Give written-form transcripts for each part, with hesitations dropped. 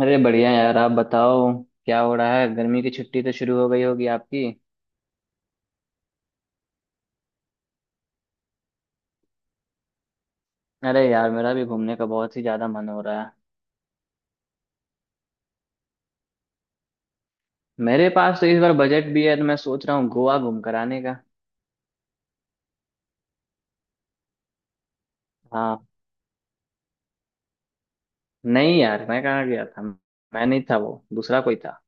अरे बढ़िया यार, आप बताओ। क्या हो रहा है? गर्मी की छुट्टी तो शुरू हो गई होगी आपकी। अरे यार, मेरा भी घूमने का बहुत ही ज्यादा मन हो रहा है। मेरे पास तो इस बार बजट भी है, तो मैं सोच रहा हूँ गोवा घूम कर आने का। हाँ। नहीं यार, मैं कहाँ गया था? मैं नहीं था, वो दूसरा कोई था।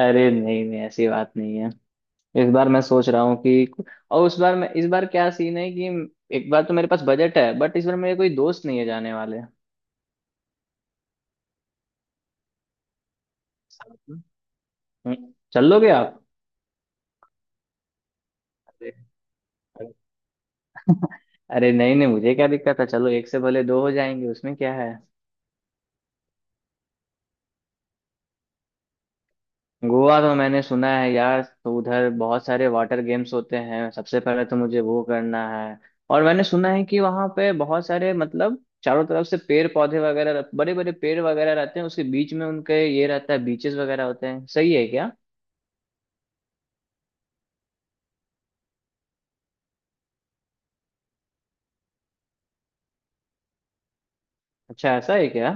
अरे नहीं नहीं, ऐसी बात नहीं है। इस बार मैं सोच रहा हूँ कि और उस बार मैं, इस बार क्या सीन है कि एक बार तो मेरे पास बजट है, बट इस बार मेरे कोई दोस्त नहीं है जाने वाले। साथ में। चल लोगे आप? अरे, अरे नहीं नहीं, मुझे क्या दिक्कत है? चलो, एक से भले दो हो जाएंगे, उसमें क्या है। गोवा तो मैंने सुना है यार, तो उधर बहुत सारे वाटर गेम्स होते हैं, सबसे पहले तो मुझे वो करना है। और मैंने सुना है कि वहां पे बहुत सारे मतलब चारों तरफ से पेड़ पौधे वगैरह, बड़े बड़े पेड़ वगैरह रहते हैं, उसके बीच में उनके ये रहता है, बीचेस वगैरह होते हैं, सही है क्या? अच्छा, ऐसा है क्या?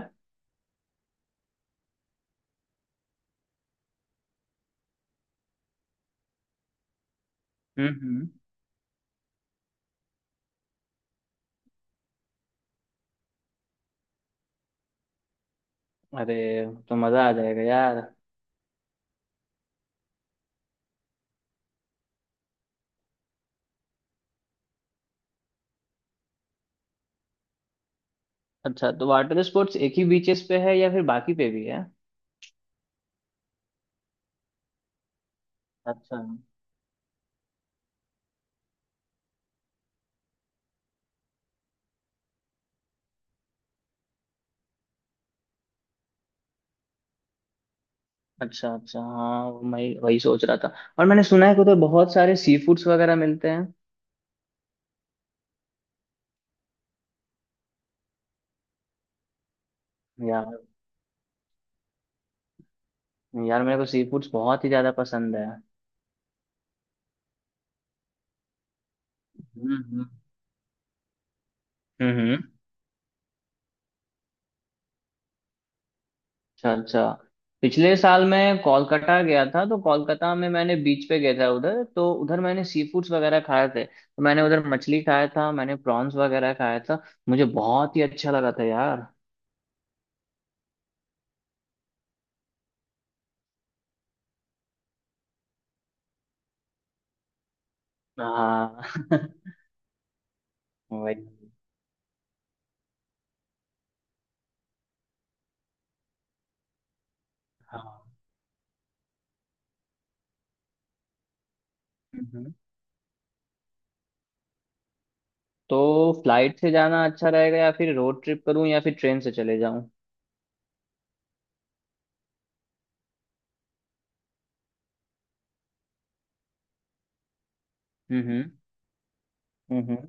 हम्म। अरे, तो मजा आ जाएगा यार। अच्छा, तो वाटर स्पोर्ट्स एक ही बीचेस पे है या फिर बाकी पे भी है? अच्छा अच्छा। अच्छा हाँ, मैं वही सोच रहा था। और मैंने सुना है कि उधर बहुत सारे सी फूड्स वगैरह मिलते हैं। यार, यार मेरे को सी फूड्स बहुत ही ज्यादा पसंद है। हम्म हम्म। हम्म। अच्छा अच्छा। पिछले साल मैं कोलकाता गया था, तो कोलकाता में मैंने बीच पे गया था उधर, तो उधर मैंने सी फूड्स वगैरह खाए थे, तो मैंने उधर मछली खाया था, मैंने प्रॉन्स वगैरह खाया था। मुझे बहुत ही अच्छा लगा था यार। हाँ वही। हाँ। तो फ्लाइट से जाना अच्छा रहेगा या फिर रोड ट्रिप करूं या फिर ट्रेन से चले जाऊं? हम्म। हम्म हम्म।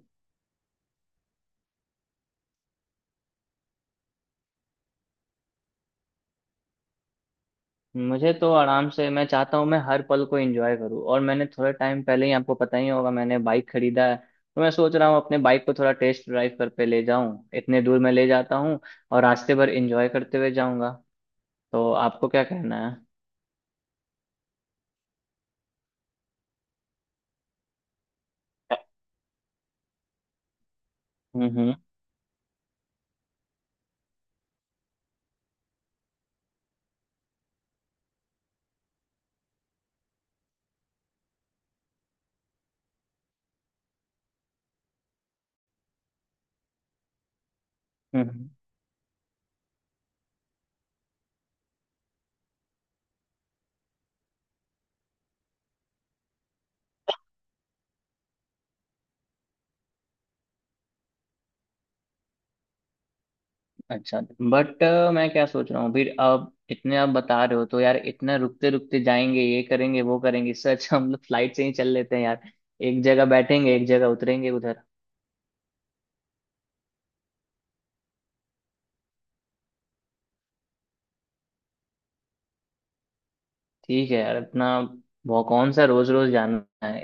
मुझे तो आराम से, मैं चाहता हूं मैं हर पल को एंजॉय करूं, और मैंने थोड़े टाइम पहले ही, आपको पता ही होगा, मैंने बाइक खरीदा है। तो मैं सोच रहा हूं अपने बाइक को थोड़ा टेस्ट ड्राइव कर पे ले जाऊं, इतने दूर मैं ले जाता हूं और रास्ते भर एंजॉय करते हुए जाऊंगा। तो आपको क्या कहना है? हम्म। हम्म। अच्छा। बट मैं क्या सोच रहा हूँ, फिर अब इतने आप बता रहे हो तो यार, इतना रुकते रुकते जाएंगे, ये करेंगे वो करेंगे, इससे अच्छा हम लोग फ्लाइट से ही चल लेते हैं यार। एक जगह बैठेंगे, एक जगह उतरेंगे उधर। ठीक है यार, इतना वो कौन सा रोज रोज जाना है?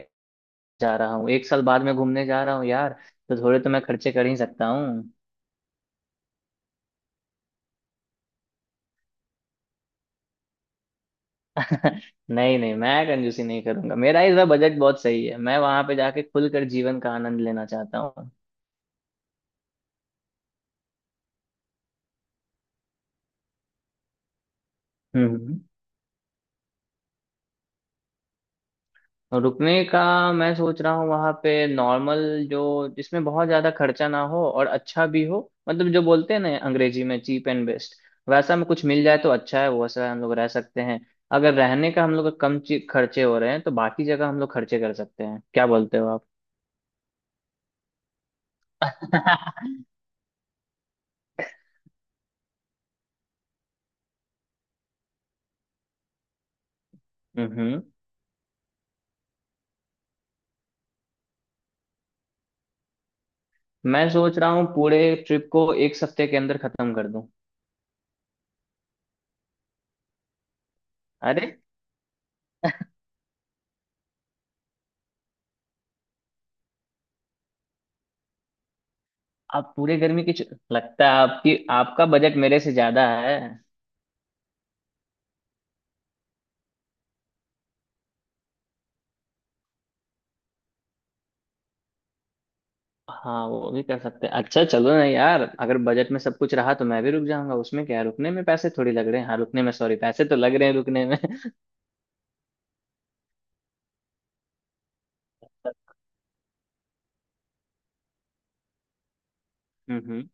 जा रहा हूँ, एक साल बाद में घूमने जा रहा हूँ यार, तो थोड़े तो मैं खर्चे कर ही सकता हूँ। नहीं नहीं, मैं कंजूसी नहीं करूंगा, मेरा इस बार बजट बहुत सही है, मैं वहां पे जाके खुलकर जीवन का आनंद लेना चाहता हूँ। हम्म हम्म। और रुकने का, मैं सोच रहा हूँ वहां पे नॉर्मल, जो जिसमें बहुत ज्यादा खर्चा ना हो और अच्छा भी हो, मतलब जो बोलते हैं ना अंग्रेजी में, चीप एंड बेस्ट, वैसा में कुछ मिल जाए तो अच्छा है, वैसा हम लोग रह सकते हैं। अगर रहने का हम लोग का कम खर्चे हो रहे हैं, तो बाकी जगह हम लोग खर्चे कर सकते हैं, क्या बोलते हो आप? हम्म। मैं सोच रहा हूँ पूरे ट्रिप को एक सप्ते के अंदर खत्म कर दूं। अरे, आप पूरे गर्मी की लगता है आपकी आपका बजट मेरे से ज्यादा है। हाँ वो भी कर सकते हैं, अच्छा चलो ना यार, अगर बजट में सब कुछ रहा तो मैं भी रुक जाऊंगा, उसमें क्या है, रुकने में पैसे थोड़ी लग रहे हैं, हाँ रुकने में सॉरी पैसे तो लग रहे हैं रुकने में हम्म हम्म,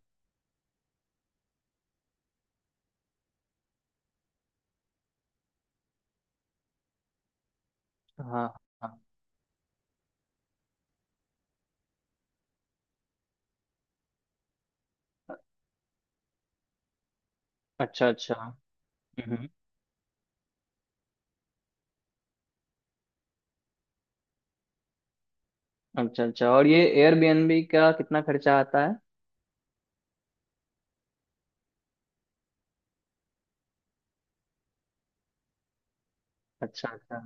हाँ हाँ। अच्छा अच्छा। हम्म हम्म। अच्छा अच्छा, और ये एयरबीएनबी का कितना खर्चा आता है? अच्छा अच्छा।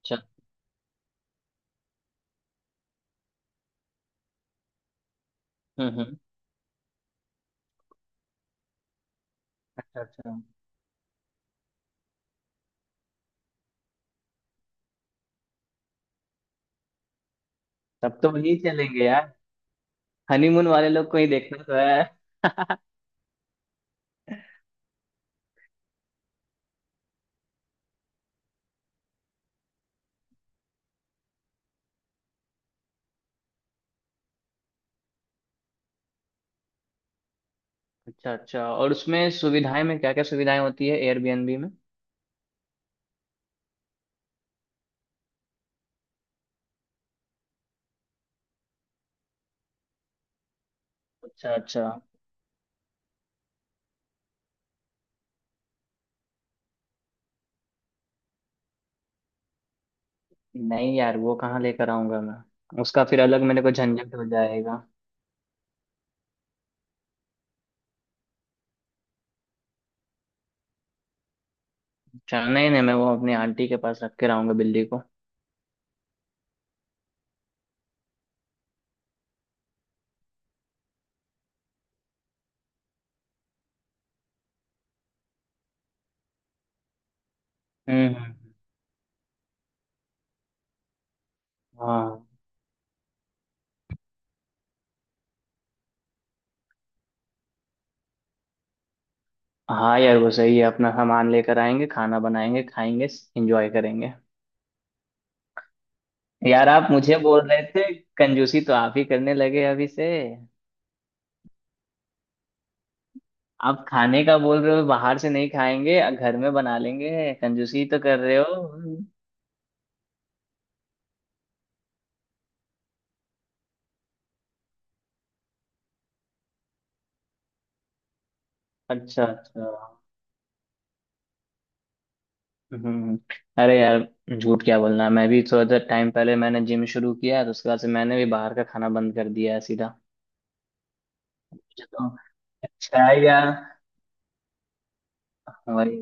अच्छा। हम्म। अच्छा अच्छा, तब तो वही चलेंगे यार, हनीमून वाले लोग को ही देखना तो है। अच्छा अच्छा, और उसमें सुविधाएं में क्या क्या सुविधाएं होती है एयरबीएनबी में? अच्छा अच्छा। नहीं यार, वो कहाँ लेकर आऊंगा मैं? उसका फिर अलग मेरे को झंझट हो जाएगा। चल नहीं नहीं, मैं वो अपनी आंटी के पास रख के आऊंगा बिल्ली को। हम्म हम्म, हाँ हाँ। यार वो सही है, अपना सामान लेकर आएंगे, खाना बनाएंगे, खाएंगे, एंजॉय करेंगे। यार आप मुझे बोल रहे थे, कंजूसी तो आप ही करने लगे अभी से। आप खाने का बोल रहे हो बाहर से नहीं खाएंगे, घर में बना लेंगे, कंजूसी तो कर रहे हो। अच्छा अच्छा। हम्म। अरे यार, झूठ क्या बोलना, मैं भी थोड़ा सा टाइम पहले मैंने जिम शुरू किया, तो उसके बाद से मैंने भी बाहर का खाना बंद कर दिया है सीधा। मुझे तो अच्छा है यार। वही।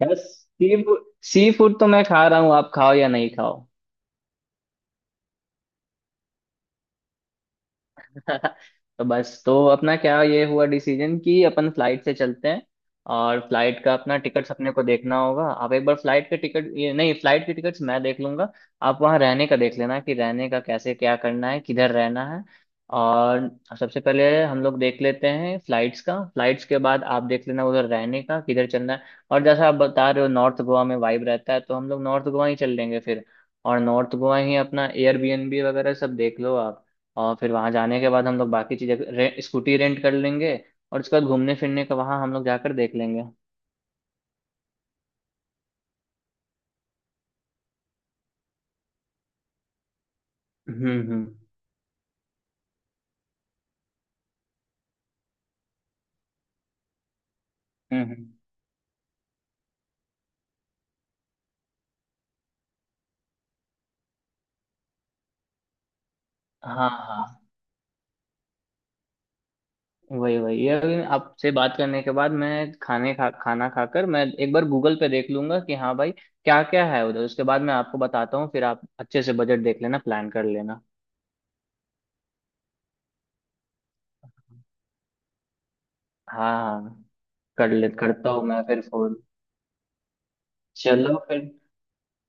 यार सी फूड तो मैं खा रहा हूँ, आप खाओ या नहीं खाओ। तो बस, तो अपना क्या ये हुआ डिसीजन कि अपन फ्लाइट से चलते हैं, और फ्लाइट का अपना टिकट्स अपने को देखना होगा। आप एक बार फ्लाइट के टिकट, ये नहीं, फ्लाइट के टिकट्स मैं देख लूंगा। आप वहाँ रहने का देख लेना, कि रहने का कैसे, क्या करना है, किधर रहना है। और सबसे पहले हम लोग देख लेते हैं फ्लाइट्स का, फ्लाइट्स के बाद आप देख लेना उधर रहने का किधर चलना है। और जैसा आप बता रहे हो, नॉर्थ गोवा में वाइब रहता है, तो हम लोग नॉर्थ गोवा ही चल लेंगे फिर। और नॉर्थ गोवा ही अपना एयरबीएनबी वगैरह सब देख लो आप। और फिर वहां जाने के बाद हम लोग बाकी चीजें स्कूटी रेंट कर लेंगे और उसके बाद घूमने फिरने का वहां हम लोग जाकर देख लेंगे। हम्म, हम्म हम्म। हाँ हाँ। वही वही, ये अभी आपसे बात करने के बाद मैं खाने खा खाना खाकर, मैं एक बार गूगल पे देख लूंगा कि हाँ भाई क्या क्या है उधर, उसके बाद मैं आपको बताता हूँ, फिर आप अच्छे से बजट देख लेना, प्लान कर लेना। हाँ हाँ। कर ले करता हूँ मैं फिर फोन। चलो फिर।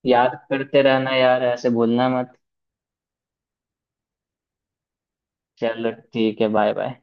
याद करते रहना यार, ऐसे भूलना मत। चलो ठीक है, बाय बाय।